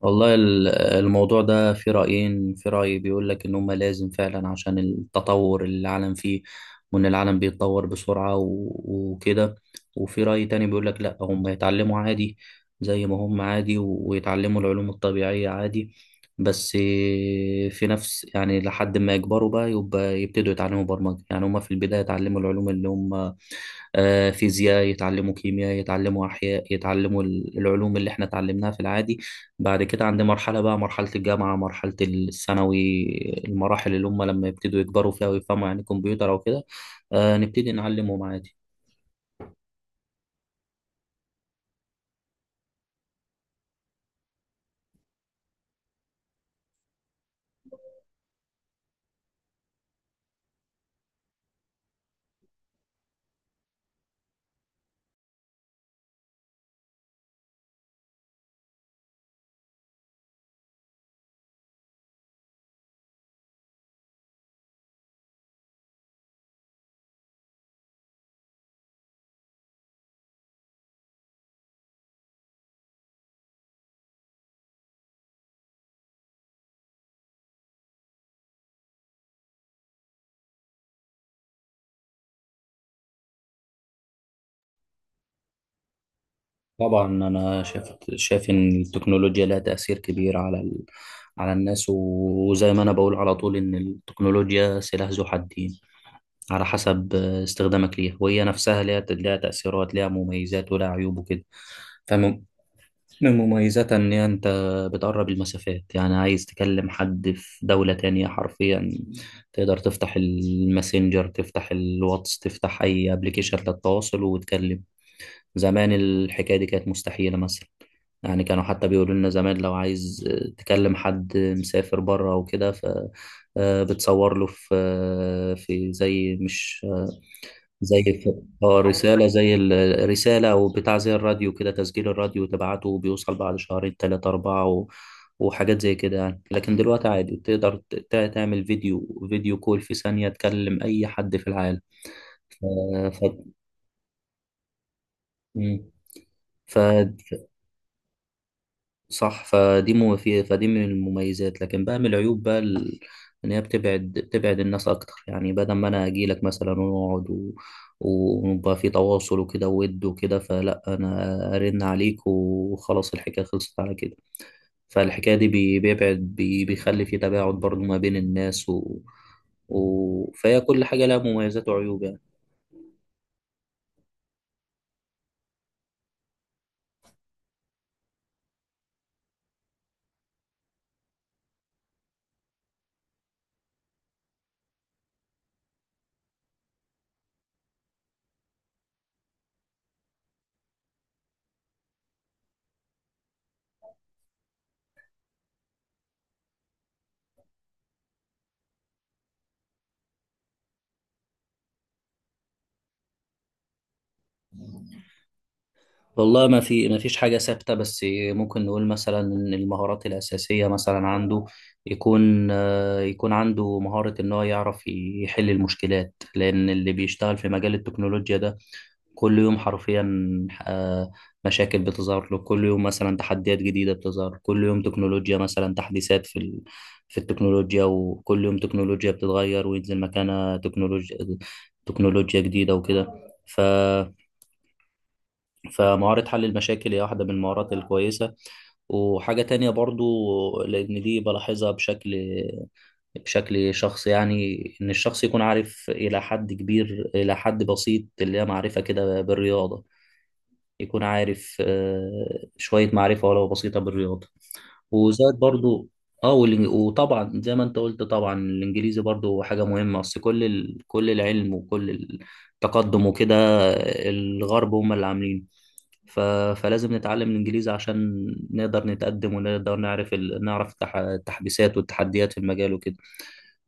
والله الموضوع ده في رأيين. في رأي بيقول لك إن هما لازم فعلا، عشان التطور اللي العالم فيه، وإن العالم بيتطور بسرعة وكده. وفي رأي تاني بيقول لك لأ، هما يتعلموا عادي زي ما هم عادي، ويتعلموا العلوم الطبيعية عادي. بس في نفس، يعني لحد ما يكبروا بقى يبقى يبتدوا يتعلموا برمجة. يعني هما في البداية يتعلموا العلوم اللي هم فيزياء، يتعلموا كيمياء، يتعلموا أحياء، يتعلموا العلوم اللي احنا اتعلمناها في العادي. بعد كده عندي مرحلة، بقى مرحلة الجامعة، مرحلة الثانوي، المراحل اللي هم لما يبتدوا يكبروا فيها ويفهموا يعني كمبيوتر أو كده، نبتدي نعلمهم عادي. طبعا أنا شايف إن التكنولوجيا لها تأثير كبير على على الناس، وزي ما أنا بقول على طول إن التكنولوجيا سلاح ذو حدين. على حسب استخدامك ليها. وهي نفسها ليها تأثيرات، ليها مميزات ولها عيوب وكده. من مميزاتها إن أنت بتقرب المسافات، يعني عايز تكلم حد في دولة تانية حرفيا تقدر تفتح الماسنجر، تفتح الواتس، تفتح أي ابلكيشن للتواصل وتكلم. زمان الحكاية دي كانت مستحيلة، مثلا. يعني كانوا حتى بيقولوا لنا زمان، لو عايز تكلم حد مسافر بره وكده بتصور له في في زي مش، زي الف... اه، رسالة، زي الرسالة أو بتاع، زي الراديو كده، تسجيل الراديو تبعته وبيوصل بعد شهرين، تلاتة، أربعة و... وحاجات زي كده، يعني. لكن دلوقتي عادي تقدر تعمل فيديو كول في ثانية تكلم أي حد في العالم. ف... ف... مم. ف... صح. فدي مو في فدي من المميزات، لكن بقى من العيوب بقى ان هي بتبعد الناس اكتر. يعني بدل ما انا اجي لك مثلا ونقعد و... ويبقى في تواصل وكده ود وكده، فلا، انا ارن عليك وخلاص، الحكايه خلصت على كده. فالحكايه دي بيبعد، بيخلي في تباعد برضو ما بين الناس و... فهي كل حاجه لها مميزات وعيوب يعني. والله ما فيش حاجة ثابتة، بس ممكن نقول مثلا إن المهارات الأساسية مثلا عنده، يكون عنده مهارة إن هو يعرف يحل المشكلات. لأن اللي بيشتغل في مجال التكنولوجيا ده، كل يوم حرفيا آه، مشاكل بتظهر له كل يوم، مثلا تحديات جديدة بتظهر كل يوم، تكنولوجيا، مثلا تحديثات في في التكنولوجيا. وكل يوم تكنولوجيا بتتغير وينزل مكانها تكنولوجيا جديدة وكده. ف... فمهارة حل المشاكل هي واحدة من المهارات الكويسة. وحاجة تانية برضو، لأن دي بلاحظها بشكل شخص، يعني إن الشخص يكون عارف إلى حد كبير، إلى حد بسيط، اللي هي معرفة كده بالرياضة. يكون عارف شوية معرفة ولو بسيطة بالرياضة. وزائد برضو، وطبعا زي ما انت قلت، طبعا الانجليزي برضو حاجه مهمه، اصل كل كل العلم وكل التقدم وكده، الغرب هم اللي عاملينه. ف... فلازم نتعلم الإنجليزي عشان نقدر نتقدم ونقدر نعرف نعرف التحديثات والتحديات في المجال وكده.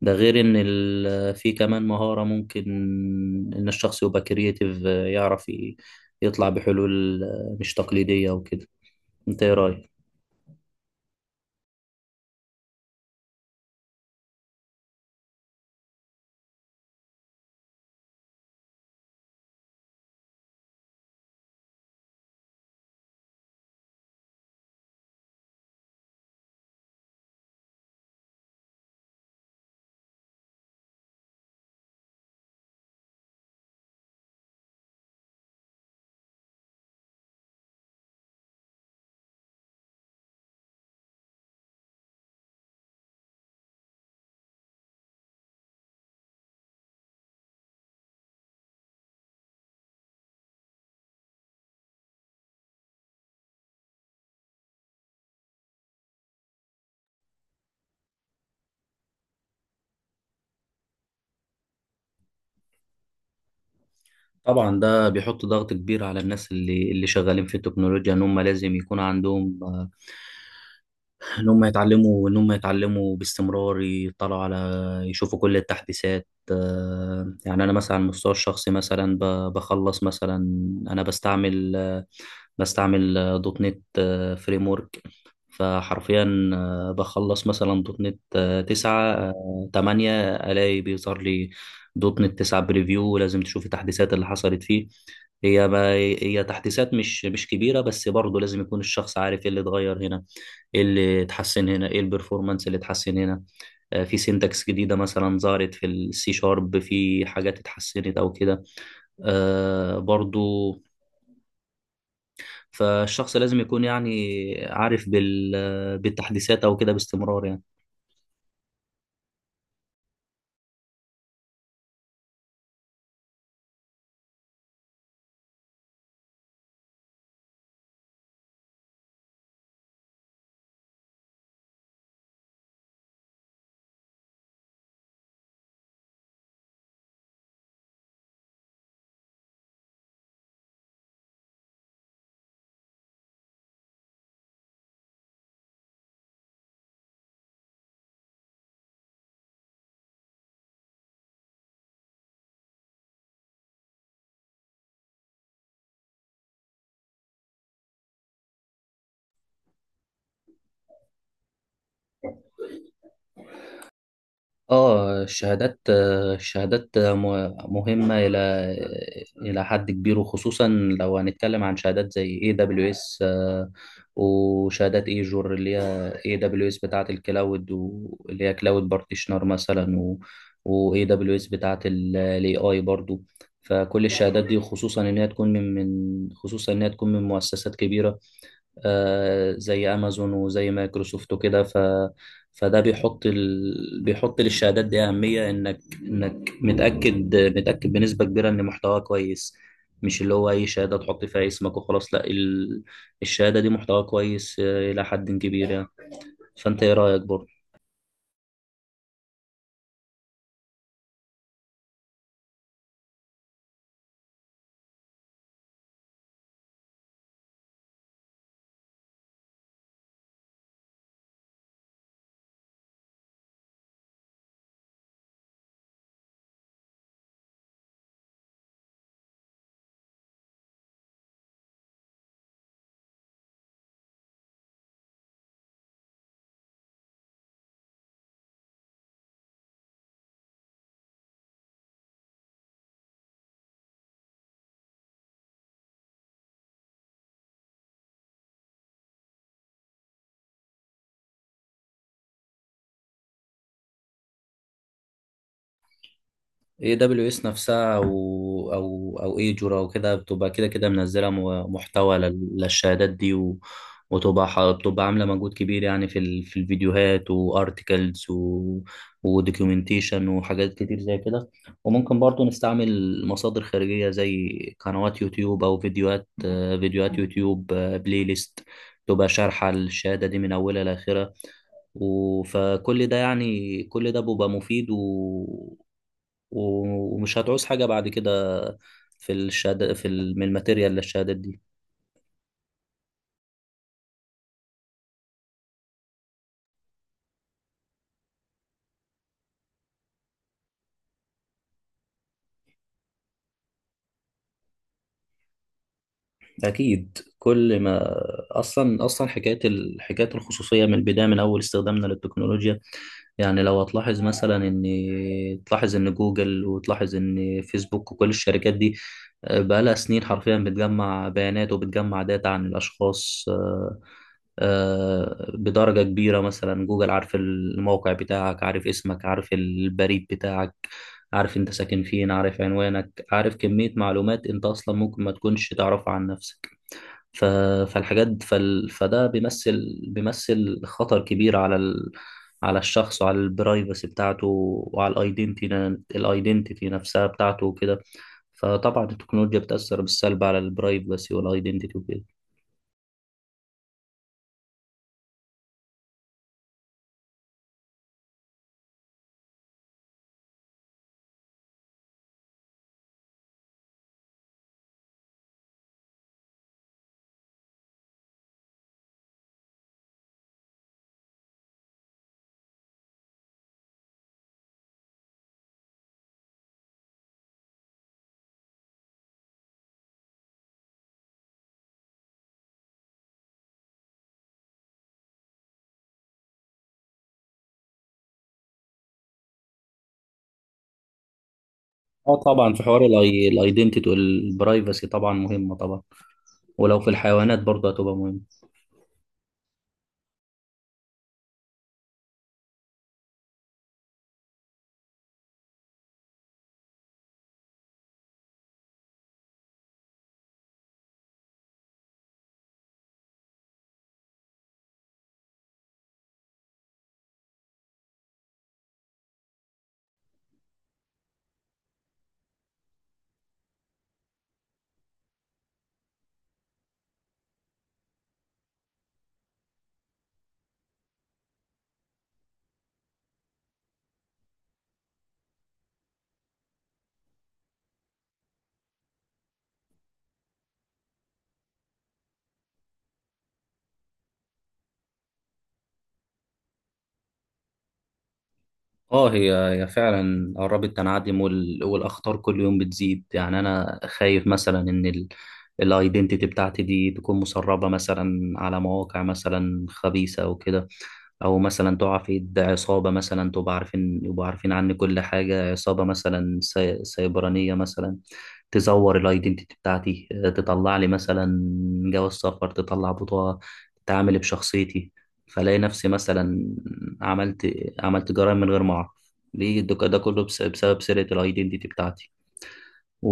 ده غير إن في كمان مهارة ممكن، إن الشخص يبقى كرييتيف يعرف يطلع بحلول مش تقليدية وكده. انت ايه رأيك؟ طبعا ده بيحط ضغط كبير على الناس اللي شغالين في التكنولوجيا، ان هم لازم يكون عندهم، ان هم يتعلموا، باستمرار يطلعوا على، يشوفوا كل التحديثات. يعني انا مثلا على المستوى الشخصي، مثلا بخلص مثلا. انا بستعمل دوت نت فريم ورك. فحرفيا بخلص مثلا دوت نت تسعة تمانية الاقي بيظهر لي دوت نت تسعة بريفيو. لازم تشوف التحديثات اللي حصلت فيه. هي ما هي تحديثات مش كبيرة، بس برضه لازم يكون الشخص عارف ايه اللي اتغير هنا، ايه اللي اتحسن هنا، ايه البرفورمانس اللي اتحسن هنا. في سينتاكس جديدة مثلا ظهرت في السي شارب، في حاجات اتحسنت او كده برضو. فالشخص لازم يكون يعني عارف بالتحديثات او كده باستمرار، يعني. اه، الشهادات مهمة إلى حد كبير. وخصوصا لو هنتكلم عن شهادات زي AWS وشهادات ايجور. اللي هي AWS بتاعة الكلاود، واللي هي كلاود بارتيشنر مثلا، و AWS بتاعة ال AI برضو. فكل الشهادات دي، خصوصا إن هي تكون من مؤسسات كبيرة زي امازون وزي مايكروسوفت وكده فده بيحط بيحط للشهادات دي اهميه، انك متاكد بنسبه كبيره ان محتواها كويس. مش اللي هو اي شهاده تحط فيها اسمك وخلاص، لا، الشهاده دي محتواها كويس، الى حد كبير يعني. فانت ايه رايك برضه؟ اي دبليو اس نفسها او ايجورا وكده بتبقى كده كده منزله محتوى للشهادات دي و... بتبقى عامله مجهود كبير يعني في في الفيديوهات وارتكلز و... ودوكيومنتيشن وحاجات كتير زي كده. وممكن برضو نستعمل مصادر خارجيه زي قنوات يوتيوب او فيديوهات يوتيوب بلاي ليست، تبقى شارحه الشهاده دي من اولها لاخرها. فكل ده، يعني كل ده بيبقى مفيد و... ومش هتعوز حاجة بعد كده في الشهادة في من الماتيريال للشهادات دي. أكيد كل ما، أصلا حكاية حكاية الخصوصية من البداية، من أول استخدامنا للتكنولوجيا. يعني لو هتلاحظ مثلا إن، تلاحظ إن جوجل وتلاحظ إن فيسبوك وكل الشركات دي بقالها سنين حرفيا بتجمع بيانات وبتجمع داتا عن الأشخاص بدرجة كبيرة. مثلا جوجل عارف الموقع بتاعك، عارف اسمك، عارف البريد بتاعك، عارف انت ساكن فين، عارف عنوانك، عارف كمية معلومات انت اصلا ممكن ما تكونش تعرفها عن نفسك. ف... فده بيمثل خطر كبير على على الشخص وعلى البرايفسي بتاعته، وعلى الايدنتيتي نفسها بتاعته وكده. فطبعا التكنولوجيا بتأثر بالسلب على البرايفسي والايدنتيتي وكده. اه طبعا، في حوار الايدنتيتي والبرايفسي طبعا مهمة طبعا. ولو في الحيوانات برضه هتبقى مهمة. اه، هي فعلا قربت تنعدم. والاخطار كل يوم بتزيد. يعني انا خايف مثلا ان الايدنتيتي بتاعتي دي تكون مسربه مثلا على مواقع مثلا خبيثه او كده. او مثلا تقع في ايد عصابه مثلا، تبقى عارفين يبقوا عارفين عني كل حاجه، عصابه مثلا سيبرانيه مثلا، تزور الايدنتيتي بتاعتي، تطلع لي مثلا جواز سفر، تطلع بطاقه، تتعامل بشخصيتي، فلاقي نفسي مثلا عملت عملت جرائم من غير ما اعرف. ده كله بسبب سرقة الايدنتيتي بتاعتي و...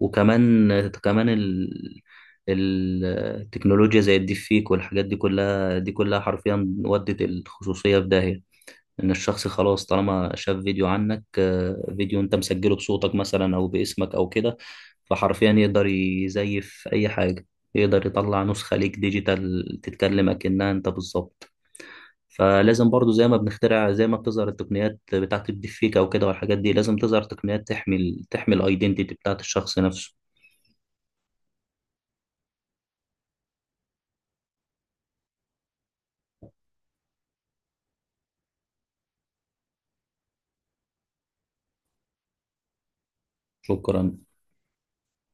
وكمان ال- التكنولوجيا زي الديب فيك والحاجات دي كلها حرفيا ودت الخصوصية في داهية. ان الشخص خلاص طالما شاف فيديو عنك، فيديو انت مسجله بصوتك مثلا او باسمك او كده، فحرفيا يقدر يزيف اي حاجة، يقدر يطلع نسخة ليك ديجيتال تتكلم اكنها انت بالظبط. فلازم برضو زي ما بنخترع، زي ما بتظهر التقنيات بتاعة الديب فيك او كده والحاجات دي، لازم تظهر تقنيات تحمي تحمي الايدنتيتي بتاعة الشخص نفسه. شكرا.